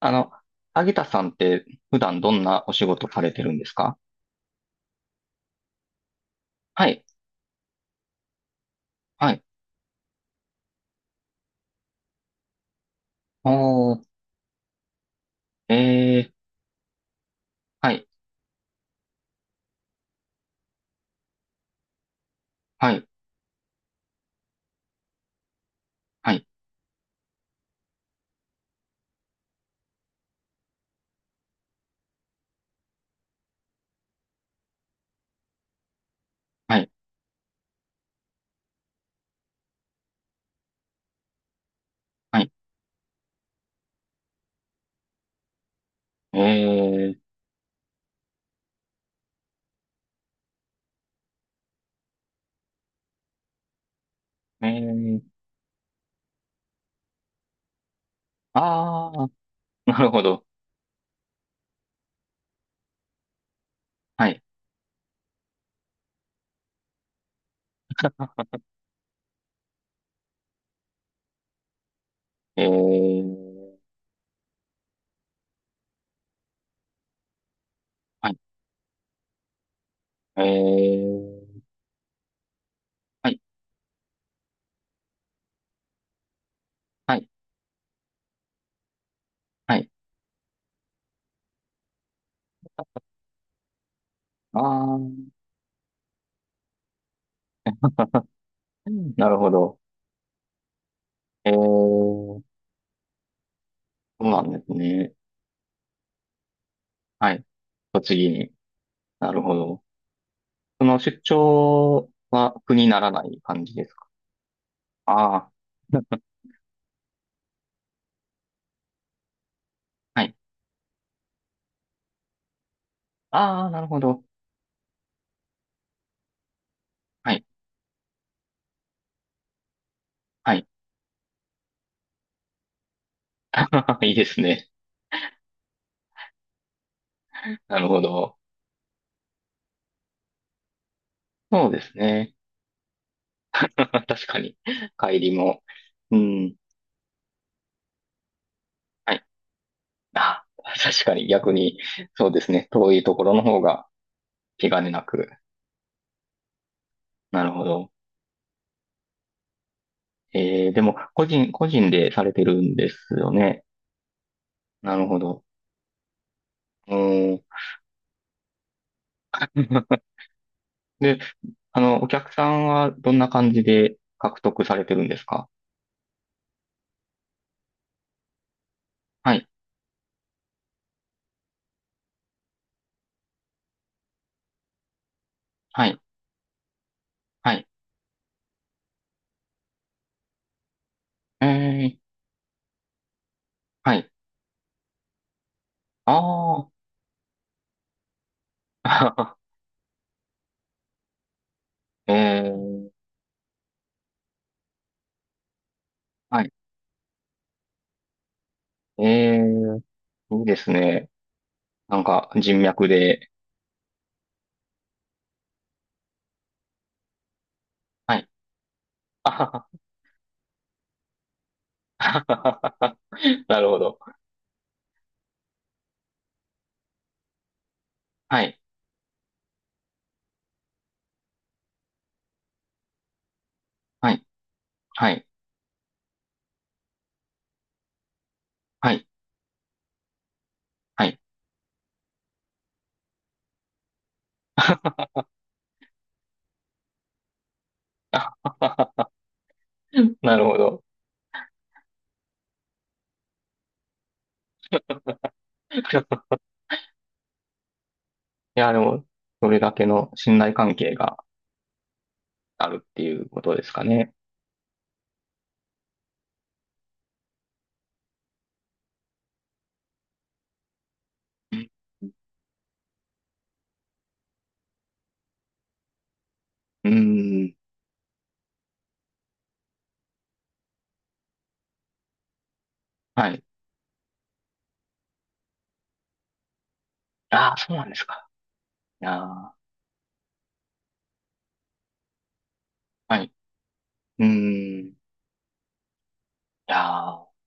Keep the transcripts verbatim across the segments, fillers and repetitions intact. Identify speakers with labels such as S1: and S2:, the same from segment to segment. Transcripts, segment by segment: S1: あの、アゲタさんって普段どんなお仕事されてるんですか？はい、はい。おー、えー、はい、はい、はい、はい、はい。えー、えー、あー、なるほど。はい、えー、はい、えー、はい、はい、はい。あー、うん、なるほど。えー、そうなんですね。はい、栃木に。なるほど。その出張は苦にならない感じですか？あー、はい。ああ、なるほど。はい。はい。いいですね。なるほど。そうですね。確かに。帰りも。うん。はい。あ、確かに逆に、そうですね。遠いところの方が気兼ねなく。なるほど。えー、でも、個人、個人でされてるんですよね。なるほど。うん。で、あの、お客さんはどんな感じで獲得されてるんですか？はい。はい。はい。えー、はい。ああ。えー、はい。えー、いいですね。なんか、人脈で。はい。あはははは、なるほど。はい。はい。はい。はい。はい。あはははなるほど。いや、でも、それだけの信頼関係があるっていうことですかね。うん、うん。はい。ああ、そうなんですか。いやー、はい。うん。いやー、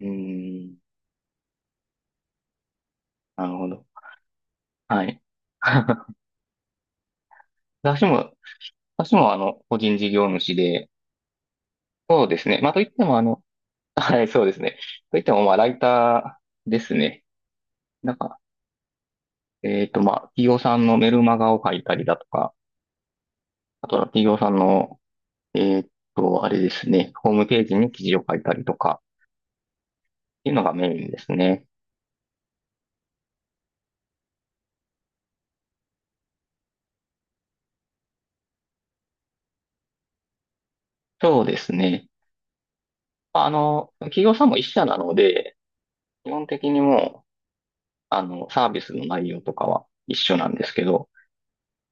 S1: うん。なるほど。はい。私も、私もあの、個人事業主で、そうですね。まあ、といっても、あの、はい、そうですね。といっても、まあ、ライターですね。なんか、えっと、まあ、企業さんのメルマガを書いたりだとか、あとは企業さんの、えっと、あれですね、ホームページに記事を書いたりとか、っていうのがメインですね。そうですね。まああの、企業さんも一社なので、基本的にもう、あの、サービスの内容とかは一緒なんですけど、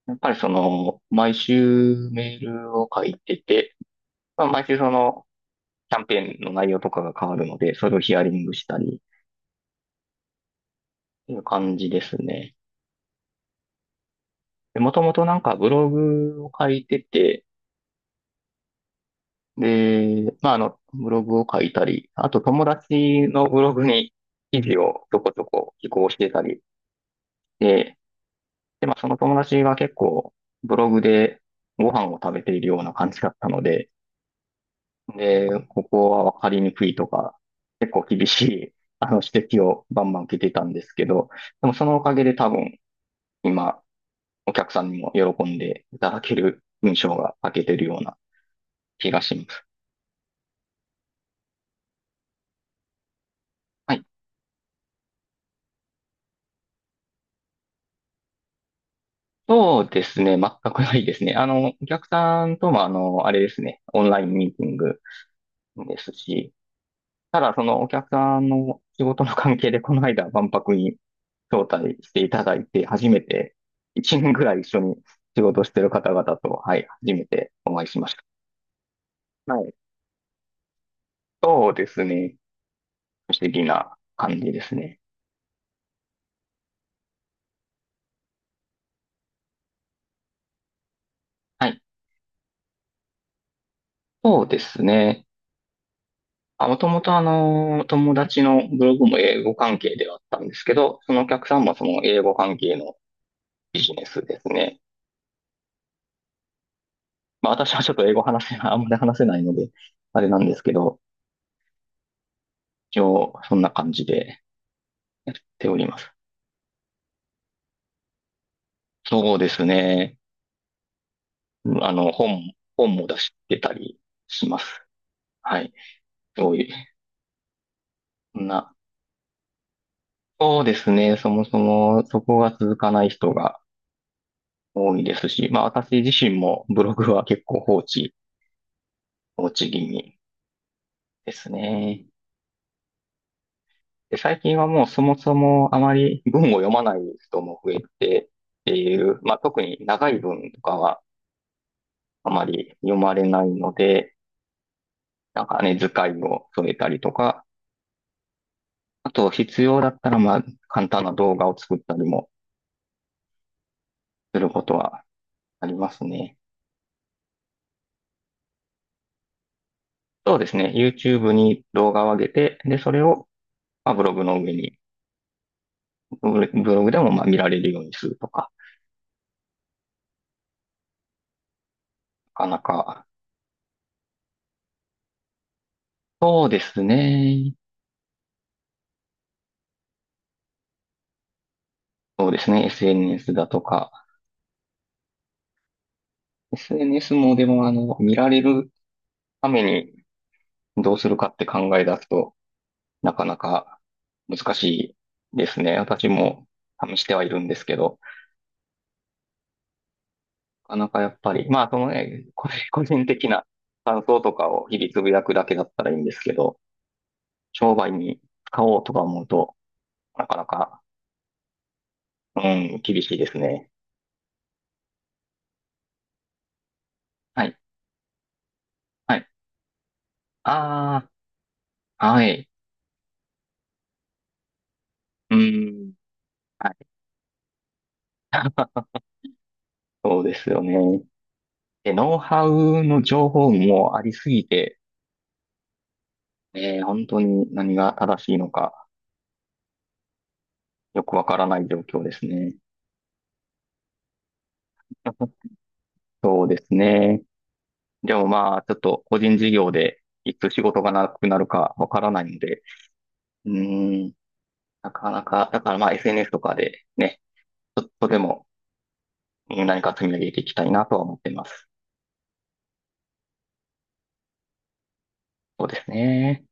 S1: やっぱりその、毎週メールを書いてて、まあ、毎週その、キャンペーンの内容とかが変わるので、それをヒアリングしたりっていう感じですね。で、もともとなんかブログを書いてて、で、まあ、あの、ブログを書いたり、あと友達のブログに記事をちょこちょこ寄稿してたりで、で、まあ、その友達は結構ブログでご飯を食べているような感じだったので、で、ここは分かりにくいとか、結構厳しい、あの、指摘をバンバン受けてたんですけど、でもそのおかげで多分今、お客さんにも喜んでいただける文章が書けてるような気がします。はい。そうですね。全くないですね。あの、お客さんとも、あの、あれですね。オンラインミーティングですし、ただ、そのお客さんの仕事の関係で、この間、万博に招待していただいて、初めて、いちねんぐらい一緒に仕事してる方々と、はい、初めてお会いしました。はい。そうですね。不思議な感じですね。はい。そうですね。あ、もともとあの、友達のブログも英語関係ではあったんですけど、そのお客さんもその英語関係のビジネスですね。まあ私はちょっと英語話せない、あんまり話せないので、あれなんですけど、一応そんな感じでやっております。そうですね。うん、あの、本、本も出してたりします。はい。そういう、そんな。そうですね。そもそもそこが続かない人が多いですし、まあ私自身もブログは結構放置、放置気味ですね。で、最近はもうそもそもあまり文を読まない人も増えてっていう、まあ特に長い文とかはあまり読まれないので、なんかね、図解を添えたりとか、あと必要だったらまあ簡単な動画を作ったりもすることはありますね。そうですね。ユーチューブ に動画を上げて、で、それをまあブログの上に、ブロブログでもまあ見られるようにするとか、なかなか、そうですね。そうですね。エスエヌエス だとか、エスエヌエス もでも、あの、見られるためにどうするかって考え出すと、なかなか難しいですね。私も試してはいるんですけど、なかなかやっぱり、まあ、そのね、個人個人的な感想とかを日々つぶやくだけだったらいいんですけど、商売に使おうとか思うと、なかなか、うん、厳しいですね。はい、はい。ああ、はい。うん、はい。そうですよね。で、ノウハウの情報もありすぎて、えー、本当に何が正しいのかよくわからない状況ですね。そうですね。でもまあ、ちょっと個人事業でいつ仕事がなくなるかわからないので、うーん、なかなか、だからまあ エスエヌエス とかでね、ちょっとでも、うん、何か積み上げていきたいなとは思ってます。そうですね。